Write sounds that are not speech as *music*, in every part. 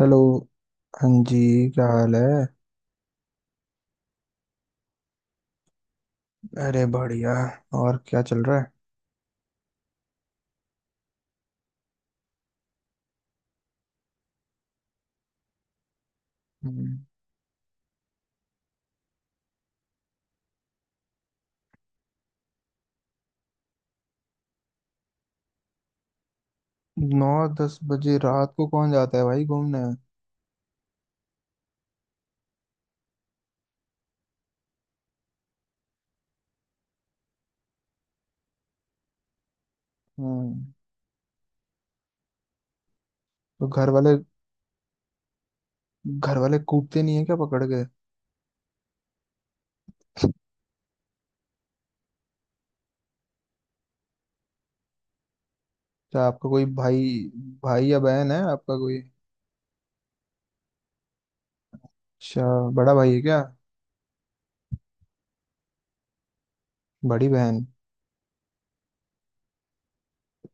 Hello. हाँ जी। क्या हाल है? अरे बढ़िया। और क्या चल रहा है? हम्म। 9-10 बजे रात को कौन जाता है भाई घूमने? हम्म। तो घर वाले घर वाले कूटते नहीं है क्या पकड़ के? क्या आपका कोई भाई भाई या बहन है आपका कोई? अच्छा। बड़ा भाई है क्या? बड़ी बहन?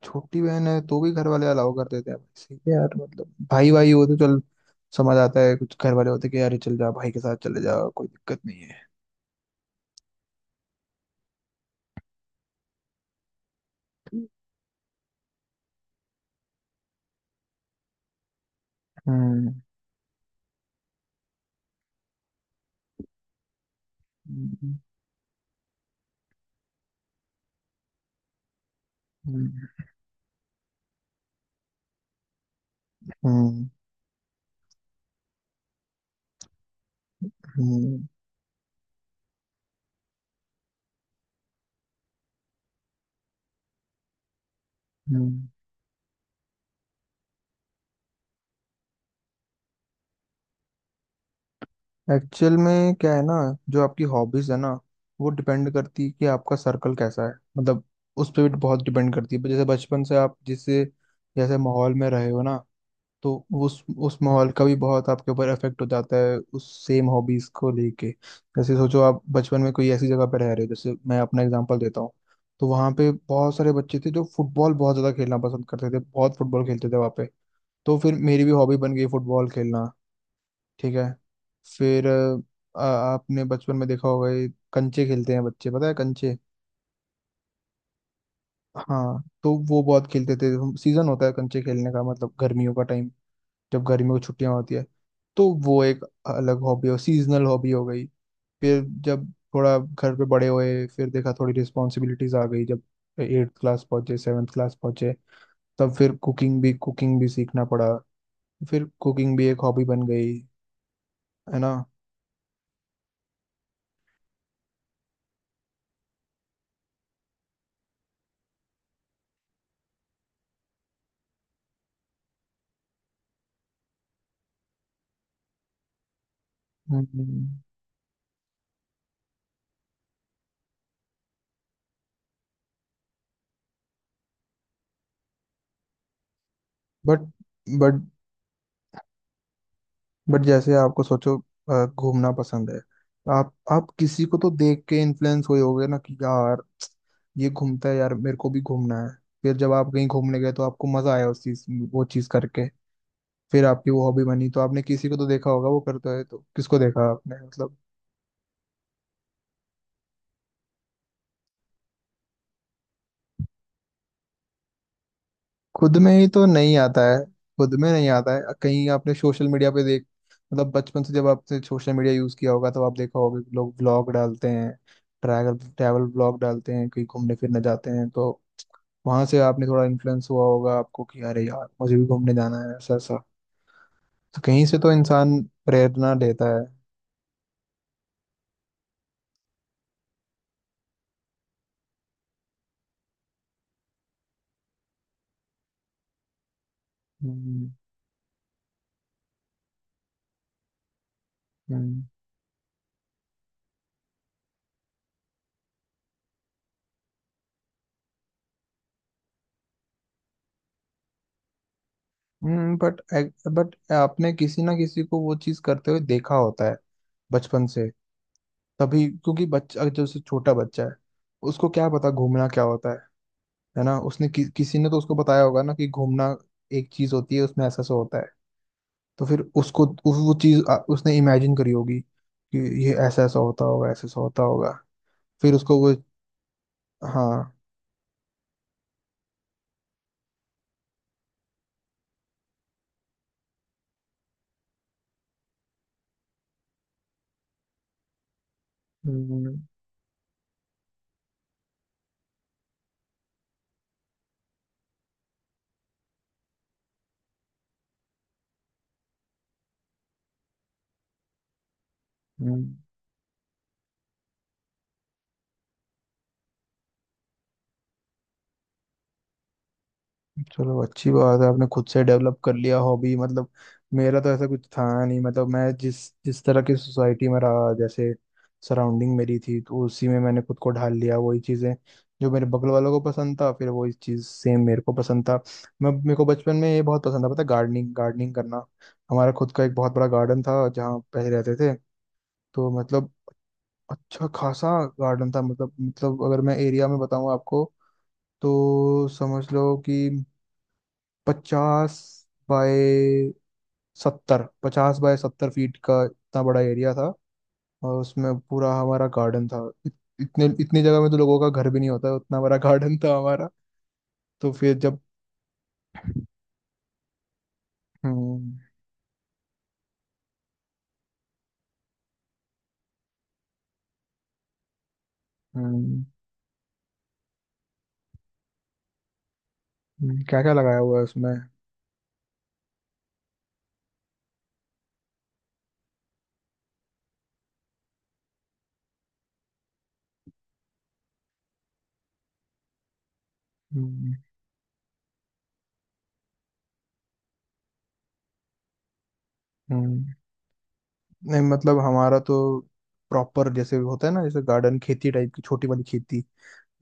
छोटी बहन है तो भी घर वाले अलाउ कर देते हैं, भाई सही है यार। मतलब भाई भाई हो तो चल, समझ आता है। कुछ घर वाले होते हैं कि यार, ये चल जा भाई के साथ चले जा, कोई दिक्कत नहीं है। हम्म, हम्म, हम्म। एक्चुअल में क्या है ना, जो आपकी हॉबीज है ना, वो डिपेंड करती है कि आपका सर्कल कैसा है। मतलब उस पर भी बहुत डिपेंड करती है। जैसे बचपन से आप जिससे जैसे माहौल में रहे हो ना, तो उस माहौल का भी बहुत आपके ऊपर इफेक्ट हो जाता है उस सेम हॉबीज को लेके। जैसे सोचो, आप बचपन में कोई ऐसी जगह पर रह रहे हो, जैसे मैं अपना एग्जांपल देता हूँ, तो वहाँ पे बहुत सारे बच्चे थे जो फुटबॉल बहुत ज़्यादा खेलना पसंद करते थे, बहुत फुटबॉल खेलते थे वहाँ पे, तो फिर मेरी भी हॉबी बन गई फुटबॉल खेलना। ठीक है। फिर आपने बचपन में देखा होगा ये, कंचे खेलते हैं बच्चे, पता है? कंचे। हाँ, तो वो बहुत खेलते थे हम। सीजन होता है कंचे खेलने का, मतलब गर्मियों का टाइम। जब गर्मियों की छुट्टियां होती है, तो वो एक अलग हॉबी हो, सीजनल हॉबी हो गई। फिर जब थोड़ा घर पे बड़े हुए, फिर देखा थोड़ी रिस्पॉन्सिबिलिटीज आ गई, जब एट्थ क्लास पहुंचे सेवन्थ क्लास पहुंचे, तब फिर कुकिंग भी सीखना पड़ा। फिर कुकिंग भी एक हॉबी बन गई, है ना? हम्म, हम्म। बट बट बट जैसे आपको सोचो, घूमना पसंद है, तो आप किसी को तो देख के इन्फ्लुएंस हुए होगे ना कि यार, ये घूमता है यार, मेरे को भी घूमना है। फिर जब आप कहीं घूमने गए तो आपको मजा आया उस चीज वो चीज करके, फिर आपकी वो हॉबी बनी। तो आपने किसी को तो देखा होगा वो करता है, तो किसको देखा आपने, मतलब? खुद में ही तो नहीं आता है। खुद में नहीं आता है, कहीं आपने सोशल मीडिया पे देख, मतलब बचपन से जब आपने सोशल मीडिया यूज किया होगा तो आप देखा होगा कि लोग ब्लॉग डालते हैं, ट्रैवल ट्रैवल ब्लॉग डालते हैं, कहीं घूमने फिरने जाते हैं, तो वहां से आपने थोड़ा इन्फ्लुएंस हुआ होगा आपको कि अरे यार, मुझे भी घूमने जाना है ऐसा ऐसा। तो कहीं से तो इंसान प्रेरणा लेता है। हम्म, हम्म, हम्म। बट आपने किसी ना किसी को वो चीज करते हुए देखा होता है बचपन से, तभी। क्योंकि बच्चा, अगर जैसे छोटा बच्चा है, उसको क्या पता घूमना क्या होता है। है ना? किसी ने तो उसको बताया होगा ना कि घूमना एक चीज होती है, उसमें ऐसा ऐसा होता है। तो फिर उसको वो चीज उसने इमेजिन करी होगी कि ये ऐसा ऐसा होता होगा, ऐसा ऐसा होता होगा। फिर उसको वो। हाँ। हम्म, हम्म। चलो अच्छी बात है, आपने खुद से डेवलप कर लिया हॉबी। मतलब मेरा तो ऐसा कुछ था नहीं, मतलब मैं जिस जिस तरह की सोसाइटी में रहा, जैसे सराउंडिंग मेरी थी, तो उसी में मैंने खुद को ढाल लिया। वही चीज़ें जो मेरे बगल वालों को पसंद था, फिर वही चीज़ सेम मेरे को पसंद था। मैं मेरे को बचपन में ये बहुत पसंद था, पता है? गार्डनिंग, गार्डनिंग करना। हमारा खुद का एक बहुत बड़ा गार्डन था जहाँ पहले रहते थे, तो मतलब अच्छा खासा गार्डन था। मतलब अगर मैं एरिया में बताऊँ आपको, तो समझ लो कि पचास बाय पचास बाय सत्तर फीट का इतना बड़ा एरिया था, और उसमें पूरा हमारा गार्डन था। इत, इतने इतनी जगह में तो लोगों का घर भी नहीं होता है, उतना बड़ा गार्डन था हमारा। तो फिर जब। हम्म, हम्म। क्या क्या लगाया हुआ है उसमें? हम्म, हम्म। नहीं, मतलब हमारा तो प्रॉपर जैसे होता है ना, जैसे गार्डन, खेती टाइप की, छोटी वाली खेती,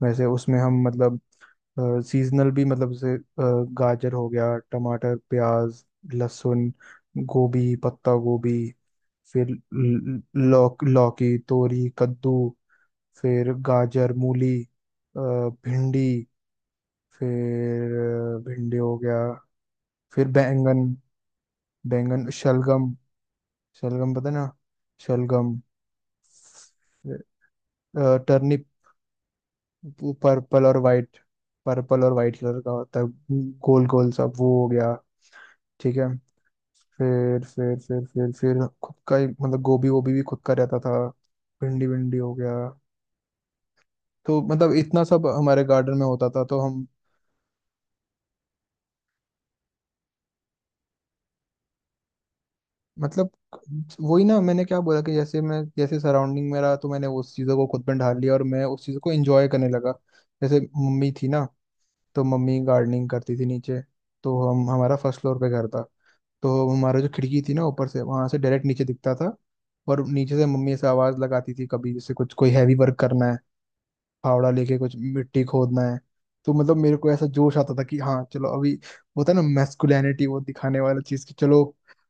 वैसे उसमें हम, मतलब सीजनल भी, मतलब जैसे गाजर हो गया, टमाटर, प्याज, लहसुन, गोभी, पत्ता गोभी, फिर ल- लौकी, तोरी, कद्दू, फिर गाजर, मूली, अ, भिंडी, फिर भिंडी हो गया, फिर बैंगन, बैंगन, शलगम, शलगम, पता है ना शलगम? टर्निप। वो पर्पल और वाइट, पर्पल और वाइट कलर का होता है, गोल गोल सा, वो हो गया। ठीक है। फिर खुद का ही, मतलब गोभी वोभी भी खुद का रहता था, भिंडी भिंडी हो गया। तो मतलब इतना सब हमारे गार्डन में होता था तो हम, मतलब वही ना मैंने क्या बोला कि जैसे मैं, जैसे सराउंडिंग में रहा, तो मैंने उस चीज़ों को खुद में ढाल लिया और मैं उस चीज़ों को एंजॉय करने लगा। जैसे मम्मी थी ना, तो मम्मी गार्डनिंग करती थी नीचे, तो हम हमारा फर्स्ट फ्लोर पे घर था, तो हमारा जो खिड़की थी ना ऊपर, से वहां से डायरेक्ट नीचे दिखता था, और नीचे से मम्मी ऐसे आवाज लगाती थी कभी, जैसे कुछ कोई हैवी वर्क करना है, फावड़ा लेके कुछ मिट्टी खोदना है, तो मतलब मेरे को ऐसा जोश आता था कि हाँ चलो अभी। वो था ना मैस्कुलिनिटी वो दिखाने वाला चीज की, चलो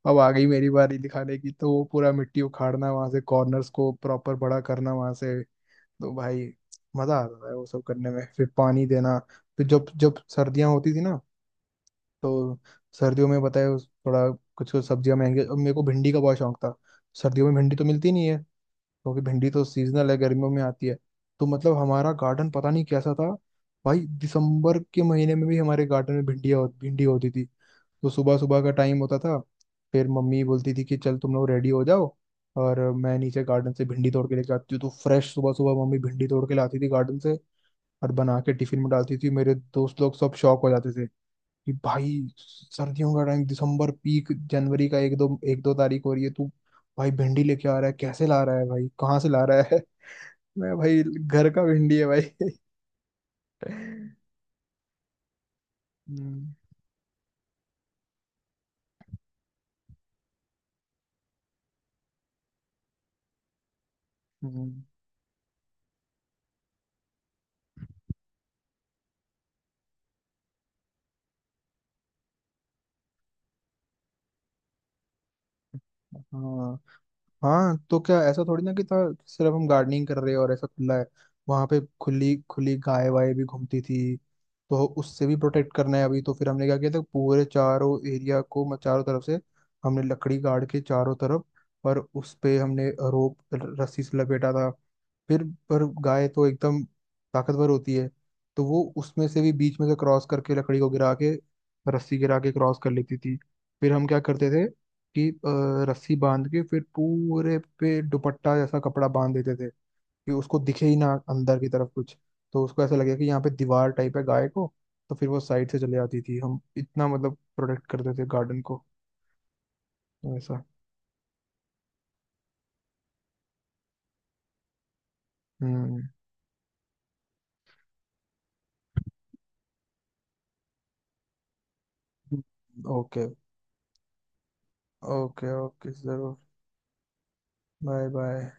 अब आ गई मेरी बारी दिखाने की, तो वो पूरा मिट्टी उखाड़ना वहां से, कॉर्नर्स को प्रॉपर बड़ा करना वहां से, तो भाई मजा आता था वो सब करने में, फिर पानी देना। फिर जब जब सर्दियां होती थी ना, तो सर्दियों में बताए थोड़ा कुछ कुछ सब्जियां महंगी, अब मेरे को भिंडी का बहुत शौक था। सर्दियों में भिंडी तो मिलती नहीं है, क्योंकि भिंडी तो सीजनल है, गर्मियों में आती है। तो मतलब हमारा गार्डन पता नहीं कैसा था भाई, दिसंबर के महीने में भी हमारे गार्डन में भिंडिया भिंडी होती थी। तो सुबह सुबह का टाइम होता था, फिर मम्मी बोलती थी कि चल तुम लोग रेडी हो जाओ, और मैं नीचे गार्डन से भिंडी तोड़ के लेके आती हूँ, तो फ्रेश सुबह सुबह मम्मी भिंडी तोड़ के लाती थी गार्डन से, और बना के टिफिन में डालती थी। मेरे दोस्त लोग सब शौक हो जाते थे कि भाई सर्दियों का टाइम, दिसंबर पीक, जनवरी का एक दो तारीख हो रही है, तू भाई भिंडी लेके आ रहा है, कैसे ला रहा है भाई, कहाँ से ला रहा है? *laughs* मैं, भाई घर का भिंडी है भाई। *laughs* हम्म, हम्म। हाँ हाँ, तो क्या ऐसा थोड़ी ना कि था सिर्फ हम गार्डनिंग कर रहे हैं और ऐसा खुला है? वहां पे खुली खुली गाय वाय भी घूमती थी, तो उससे भी प्रोटेक्ट करना है। अभी तो फिर हमने क्या किया था, पूरे चारों एरिया को चारों तरफ से हमने लकड़ी गाड़ के चारों तरफ, पर उस पे हमने रोप, रस्सी से लपेटा था। फिर, पर गाय तो एकदम ताकतवर होती है, तो वो उसमें से भी बीच में से क्रॉस करके, लकड़ी को गिरा के, रस्सी गिरा के क्रॉस कर लेती थी। फिर हम क्या करते थे कि रस्सी बांध के, फिर पूरे पे दुपट्टा जैसा कपड़ा बांध देते थे कि उसको दिखे ही ना अंदर की तरफ कुछ, तो उसको ऐसा लगे कि यहाँ पे दीवार टाइप है गाय को। तो फिर वो साइड से चले आती थी। हम इतना मतलब प्रोटेक्ट करते थे गार्डन को, ऐसा। हम्म। ओके। ओके ओके जरूर। Bye bye.